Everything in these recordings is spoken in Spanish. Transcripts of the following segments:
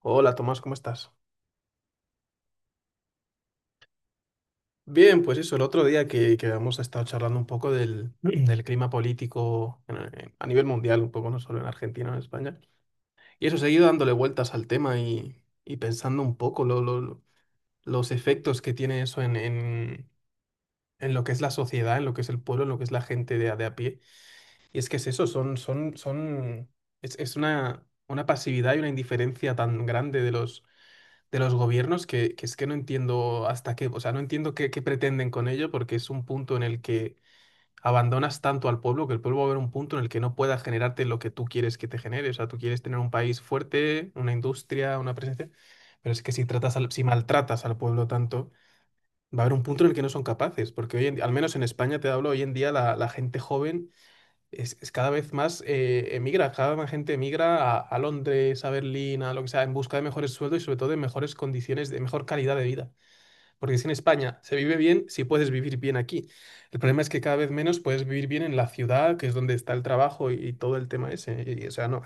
Hola Tomás, ¿cómo estás? Bien, pues eso, el otro día que hemos estado charlando un poco del, del clima político a nivel mundial, un poco no solo en Argentina, en España, y eso, seguido dándole vueltas al tema y pensando un poco los efectos que tiene eso en lo que es la sociedad, en lo que es el pueblo, en lo que es la gente de, de a pie. Y es que es eso, es una pasividad y una indiferencia tan grande de los gobiernos que es que no entiendo hasta qué, o sea, no entiendo qué pretenden con ello, porque es un punto en el que abandonas tanto al pueblo que el pueblo va a haber un punto en el que no pueda generarte lo que tú quieres que te genere. O sea, tú quieres tener un país fuerte, una industria, una presencia, pero es que si si maltratas al pueblo tanto, va a haber un punto en el que no son capaces, porque al menos en España te hablo, hoy en día la gente joven es cada vez más emigra, cada vez más gente emigra a Londres, a Berlín, a lo que sea, en busca de mejores sueldos y sobre todo de mejores condiciones, de mejor calidad de vida. Porque si en España se vive bien, si puedes vivir bien aquí. El problema es que cada vez menos puedes vivir bien en la ciudad, que es donde está el trabajo y todo el tema ese. O sea, no,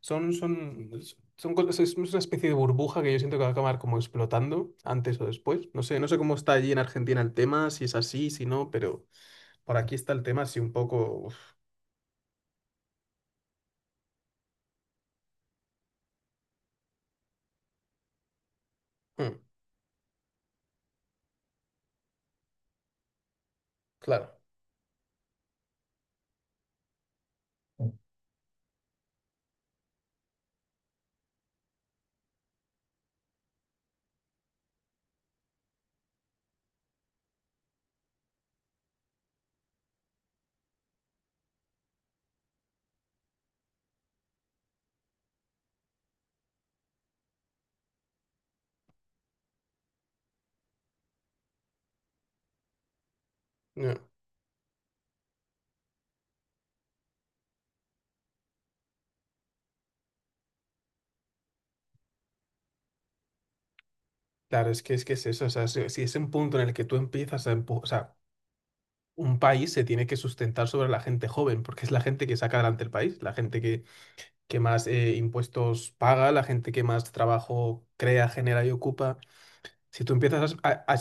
son, son, son cosas, es una especie de burbuja que yo siento que va a acabar como explotando antes o después. No sé, no sé cómo está allí en Argentina el tema, si es así, si no, pero por aquí está el tema así un poco... uf, mm, claro. No, claro, es que es eso. O sea, si es un punto en el que tú empiezas a o sea, un país se tiene que sustentar sobre la gente joven, porque es la gente que saca adelante el país, que más impuestos paga, la gente que más trabajo crea, genera y ocupa. Si tú empiezas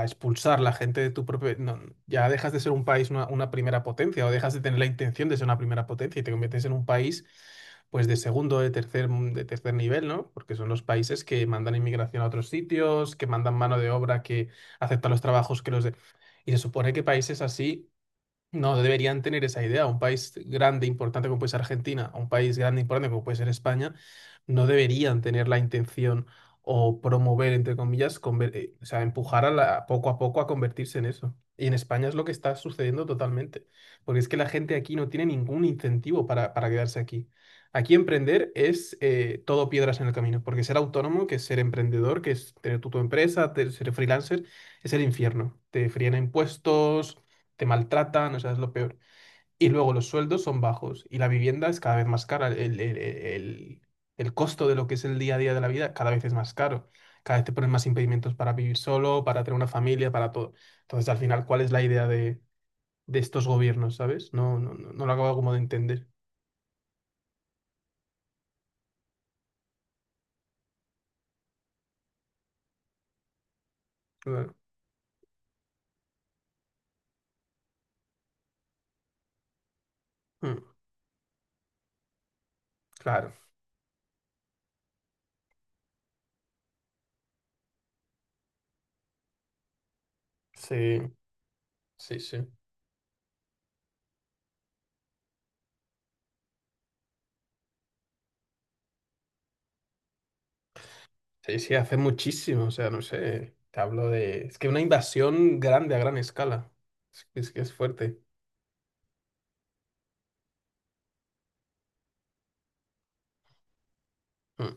a expulsar la gente de tu propio... no, ya dejas de ser un país, una primera potencia, o dejas de tener la intención de ser una primera potencia y te conviertes en un país, pues, de segundo, de tercer nivel, ¿no? Porque son los países que mandan inmigración a otros sitios, que mandan mano de obra, que aceptan los trabajos que los de... Y se supone que países así no deberían tener esa idea. Un país grande e importante como puede ser Argentina, un país grande e importante como puede ser España, no deberían tener la intención o promover, entre comillas, o sea, empujar poco a poco a convertirse en eso. Y en España es lo que está sucediendo totalmente, porque es que la gente aquí no tiene ningún incentivo para quedarse aquí. Aquí emprender es todo piedras en el camino, porque ser autónomo, que es ser emprendedor, que es tener tu empresa, ser freelancer, es el infierno. Te fríen a impuestos, te maltratan, o sea, es lo peor. Y luego los sueldos son bajos y la vivienda es cada vez más cara. El costo de lo que es el día a día de la vida cada vez es más caro. Cada vez te ponen más impedimentos para vivir solo, para tener una familia, para todo. Entonces, al final, ¿cuál es la idea de estos gobiernos, ¿sabes? No lo acabo como de entender. Claro. Mm, claro. Sí, sí, sí. Sí, sí, hace muchísimo, o sea, no sé, te hablo de... Es que una invasión grande a gran escala, es que es fuerte. Mm,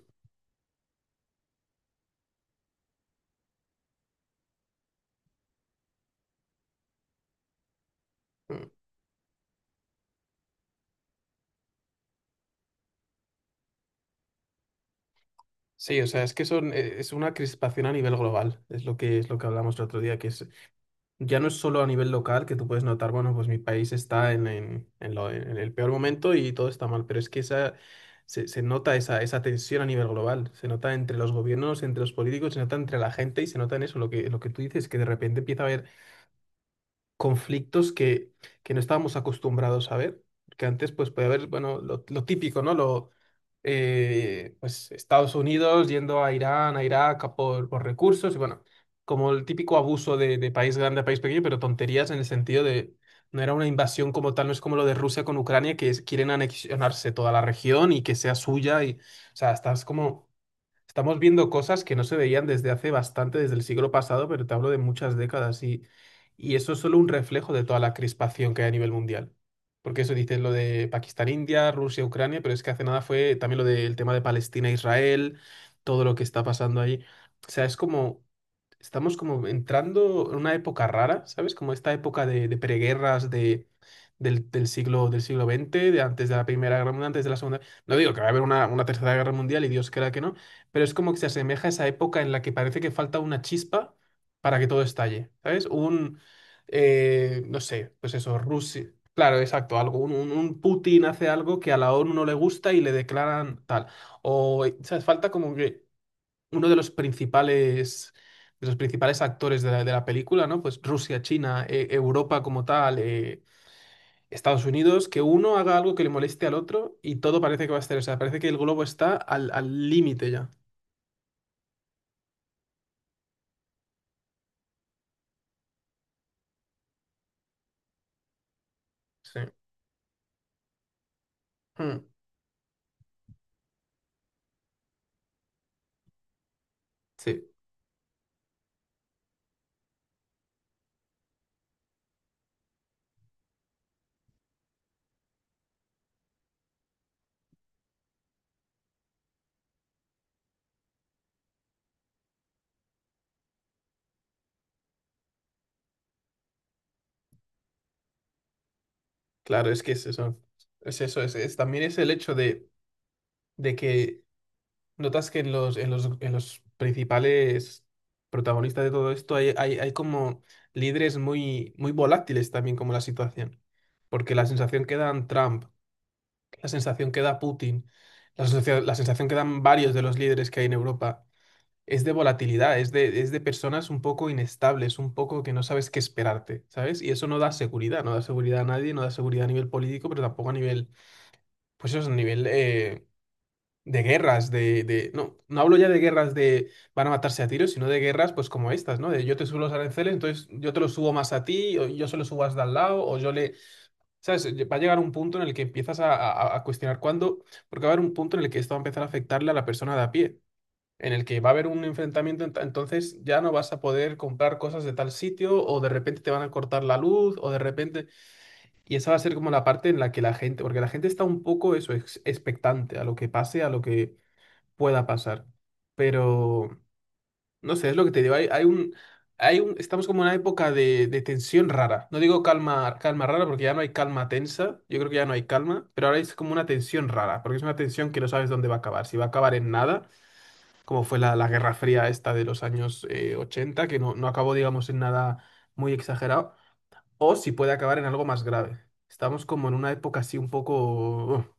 mm. Sí, o sea, es que son, es una crispación a nivel global, es es lo que hablamos el otro día, que es, ya no es solo a nivel local que tú puedes notar, bueno, pues mi país está en el peor momento y todo está mal, pero es que esa, se nota esa, esa tensión a nivel global, se nota entre los gobiernos, entre los políticos, se nota entre la gente y se nota en eso, lo que tú dices, que de repente empieza a haber conflictos que no estábamos acostumbrados a ver, que antes pues puede haber, bueno, lo típico, ¿no? Lo, pues Estados Unidos yendo a Irán, a Irak a por recursos y bueno, como el típico abuso de país grande a país pequeño, pero tonterías en el sentido de no era una invasión como tal, no es como lo de Rusia con Ucrania, quieren anexionarse toda la región y que sea suya y, o sea, estás como estamos viendo cosas que no se veían desde hace bastante, desde el siglo pasado, pero te hablo de muchas décadas y eso es solo un reflejo de toda la crispación que hay a nivel mundial. Porque eso dices lo de Pakistán, India, Rusia, Ucrania, pero es que hace nada fue también lo del tema de Palestina, Israel, todo lo que está pasando ahí. O sea, es como, estamos como entrando en una época rara, ¿sabes? Como esta época de preguerras, de, del siglo veinte de antes de la Primera Guerra Mundial, antes de la Segunda. No digo que va a haber una Tercera Guerra Mundial y Dios quiera que no, pero es como que se asemeja a esa época en la que parece que falta una chispa para que todo estalle, ¿sabes? Un, no sé, pues eso, Rusia. Claro, exacto, algo. Un Putin hace algo que a la ONU no le gusta y le declaran tal. O, ¿sabes? Falta como que uno de los principales actores de la película, ¿no? Pues Rusia, China, Europa como tal, Estados Unidos, que uno haga algo que le moleste al otro y todo parece que va a estar. O sea, parece que el globo está al límite ya. Sí. Mm. Sí, claro, es que es eso. Es eso, también es el hecho de que notas que en en los principales protagonistas de todo esto hay como líderes muy, muy volátiles también como la situación. Porque la sensación que dan Trump, la sensación que da Putin, la sensación que dan varios de los líderes que hay en Europa es de volatilidad, es de personas un poco inestables, un poco que no sabes qué esperarte, ¿sabes? Y eso no da seguridad, no da seguridad a nadie, no da seguridad a nivel político, pero tampoco a nivel... Pues eso es a nivel de guerras, no, no hablo ya de guerras de van a matarse a tiros, sino de guerras pues como estas, ¿no? De yo te subo los aranceles, entonces yo te los subo más a ti, o yo se los subo hasta al lado, o yo le... ¿Sabes? Va a llegar un punto en el que empiezas a cuestionar cuándo, porque va a haber un punto en el que esto va a empezar a afectarle a la persona de a pie, en el que va a haber un enfrentamiento, entonces ya no vas a poder comprar cosas de tal sitio, o de repente te van a cortar la luz, o de repente... Y esa va a ser como la parte en la que la gente, porque la gente está un poco eso, expectante a lo que pase, a lo que pueda pasar. Pero, no sé, es lo que te digo, hay, estamos como en una época de tensión rara. No digo calma, calma rara porque ya no hay calma tensa, yo creo que ya no hay calma, pero ahora es como una tensión rara, porque es una tensión que no sabes dónde va a acabar, si va a acabar en nada, como fue la, la Guerra Fría esta de los años 80, que no, no acabó, digamos, en nada muy exagerado, o si puede acabar en algo más grave. Estamos como en una época así un poco...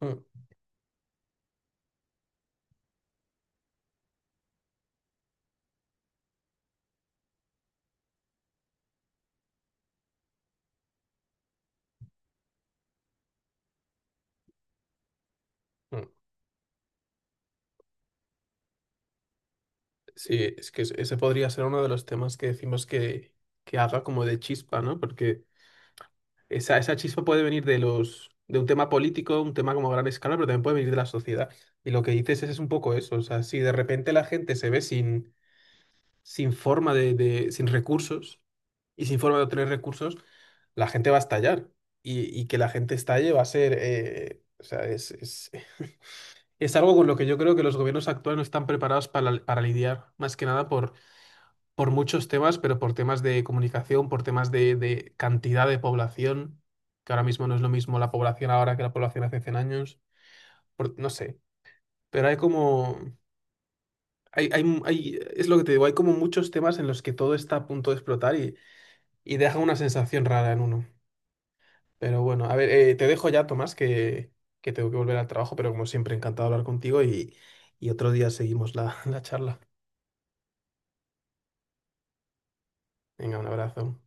Mm, mm, mm. Sí, es que ese podría ser uno de los temas que decimos que haga como de chispa, ¿no? Porque esa chispa puede venir de los, de un tema político, un tema como a gran escala, pero también puede venir de la sociedad. Y lo que dices es un poco eso. O sea, si de repente la gente se ve sin, sin forma sin recursos y sin forma de obtener recursos, la gente va a estallar. Y que la gente estalle va a ser, o sea, es algo con lo que yo creo que los gobiernos actuales no están preparados para lidiar, más que nada por muchos temas, pero por temas de comunicación, por temas de cantidad de población, que ahora mismo no es lo mismo la población ahora que la población hace 100 años, no sé, pero hay como, es lo que te digo, hay como muchos temas en los que todo está a punto de explotar y deja una sensación rara en uno. Pero bueno, a ver, te dejo ya, Tomás, que tengo que volver al trabajo, pero como siempre, encantado de hablar contigo y otro día seguimos la, la charla. Venga, un abrazo.